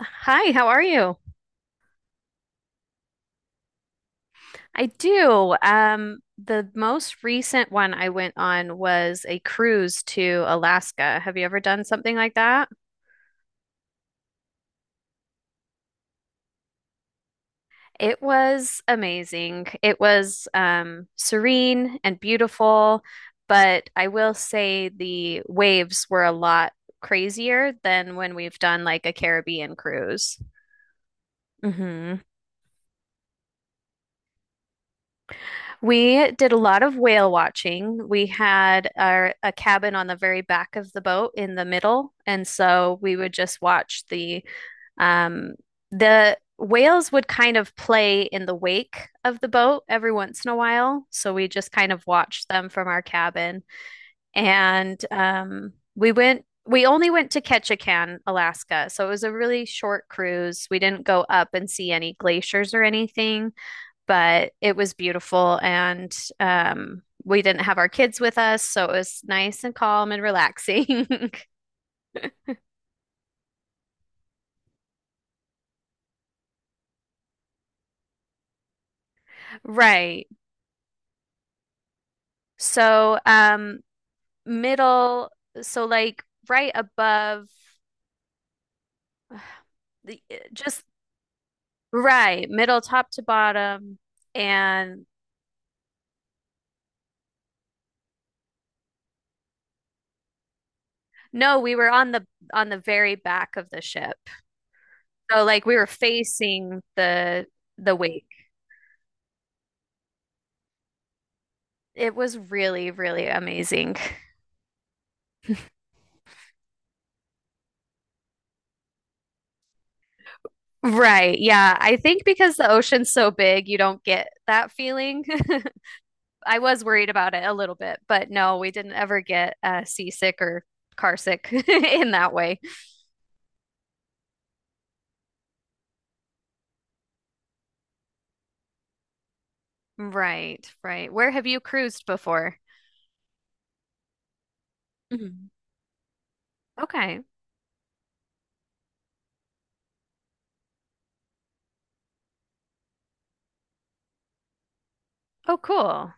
Hi, how are you? I do. The most recent one I went on was a cruise to Alaska. Have you ever done something like that? It was amazing. It was serene and beautiful, but I will say the waves were a lot crazier than when we've done like a Caribbean cruise. hmm We did a lot of whale watching. We had a cabin on the very back of the boat in the middle, and so we would just watch um, the whales would kind of play in the wake of the boat every once in a while. So we just kind of watched them from our cabin, and we went. We only went to Ketchikan, Alaska, so it was a really short cruise. We didn't go up and see any glaciers or anything, but it was beautiful and we didn't have our kids with us, so it was nice and calm and relaxing. Right. So um Middle, so like right above just right, middle top to bottom. And no, we were on the very back of the ship. So like we were facing the wake. It was really, really amazing. Right. Yeah. I think because the ocean's so big, you don't get that feeling. I was worried about it a little bit, but no, we didn't ever get seasick or car sick in that way. Right. Right. Where have you cruised before? Mhm. Okay. Oh, cool.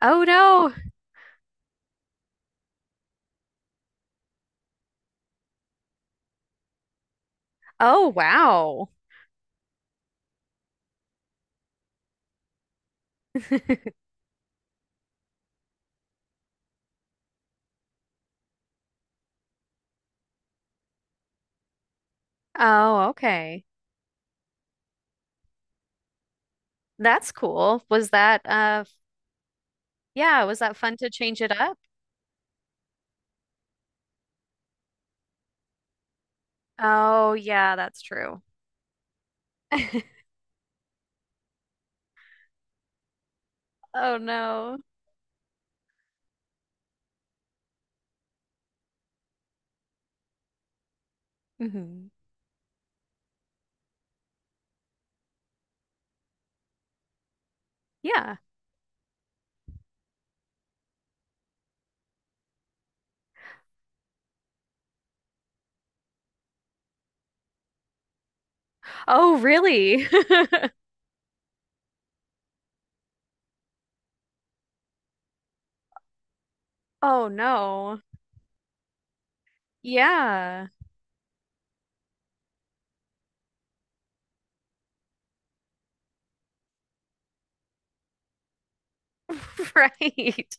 Oh, no. Oh, wow. Oh, okay. That's cool. Yeah, was that fun to change it up? Oh, yeah, that's true. Oh, no. hmm Yeah. Oh, really? Oh, no. Yeah. Right.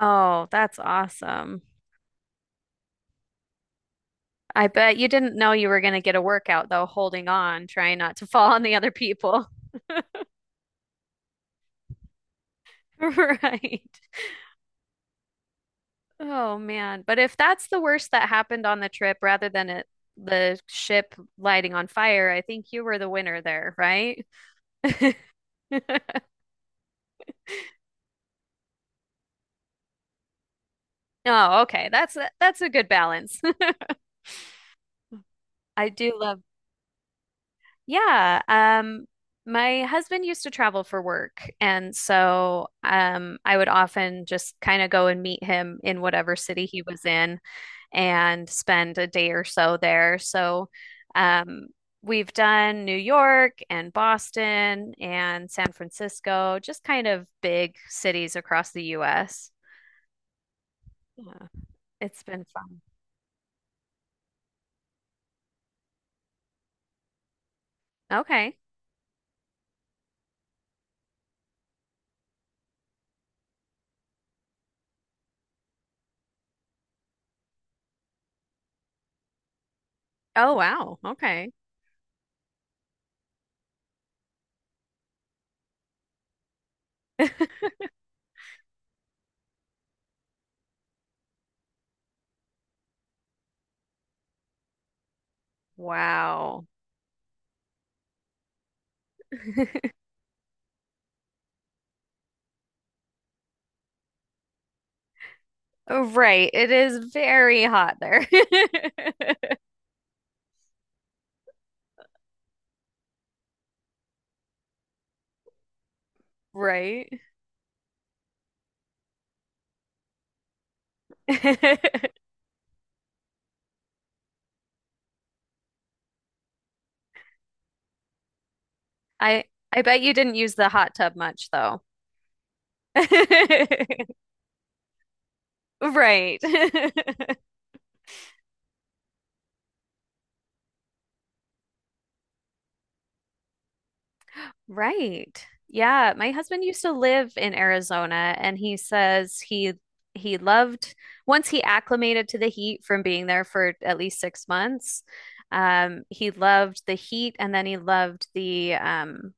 Oh, that's awesome. I bet you didn't know you were going to get a workout, though, holding on, trying not to fall on the other people. Right. Oh, man. But if that's the worst that happened on the trip, rather than the ship lighting on fire, I think you were the winner there, right? Oh, okay. That's that's a good balance. I do love. Yeah, my husband used to travel for work, and so I would often just kind of go and meet him in whatever city he was in and spend a day or so there. So um, we've done New York and Boston and San Francisco, just kind of big cities across the US. Yeah, it's been fun. Okay. Oh, wow. Okay. Wow. Oh, right. It is very hot there. Right. I I bet you didn't use the hot tub much though. Right. Right. Yeah, my husband used to live in Arizona and he says he loved, once he acclimated to the heat from being there for at least 6 months. He loved the heat and then he loved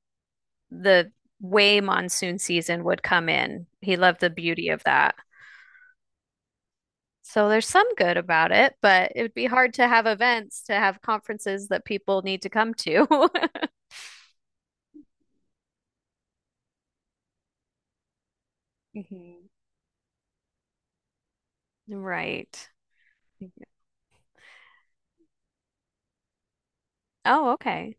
the way monsoon season would come in. He loved the beauty of that. So there's some good about it, but it would be hard to have events, to have conferences that people need to come to. Mhm. Right. Oh, okay.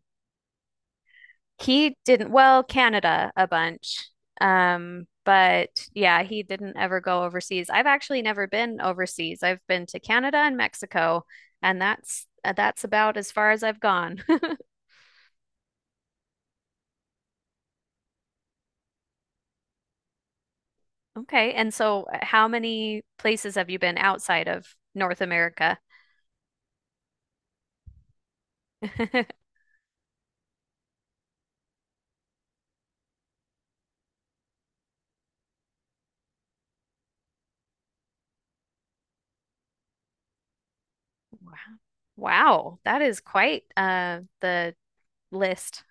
He didn't, well, Canada a bunch. But yeah, he didn't ever go overseas. I've actually never been overseas. I've been to Canada and Mexico, and that's about as far as I've gone. Okay. And so, how many places have you been outside of North America? Wow. Wow, that is quite the list.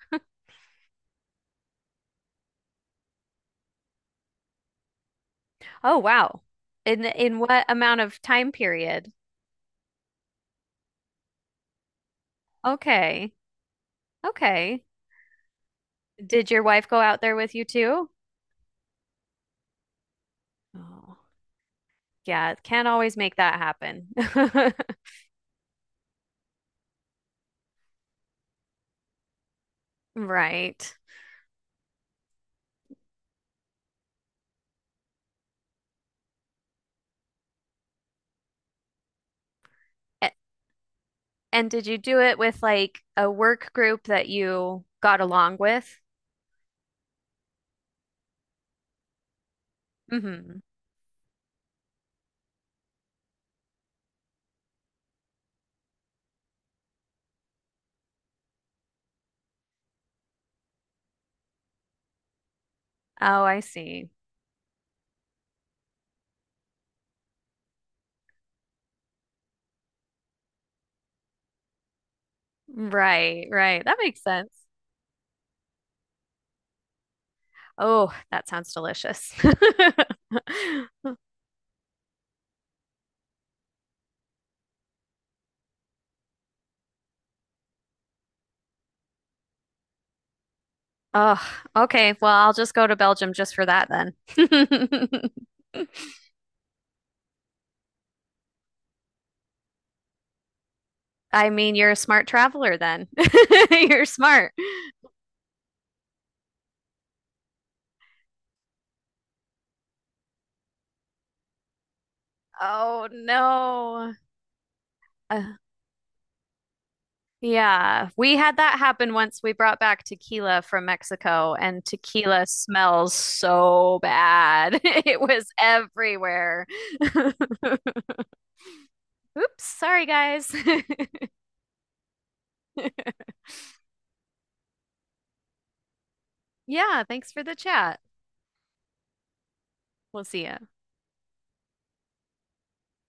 Oh, wow. In what amount of time period? Okay. Okay. Did your wife go out there with you too? Oh, yeah, can't always make that happen. Right. A- And did you do it with like a work group that you got along with? hmm Oh, I see. Right, right. That makes sense. Oh, that sounds delicious. Oh, okay. Well, I'll just go to Belgium just for that then. I mean, you're a smart traveler then. You're smart. Oh, no. Uh, yeah, we had that happen once. We brought back tequila from Mexico, and tequila smells so bad. It was everywhere. Oops, sorry, guys. Yeah, thanks for the chat. We'll see ya.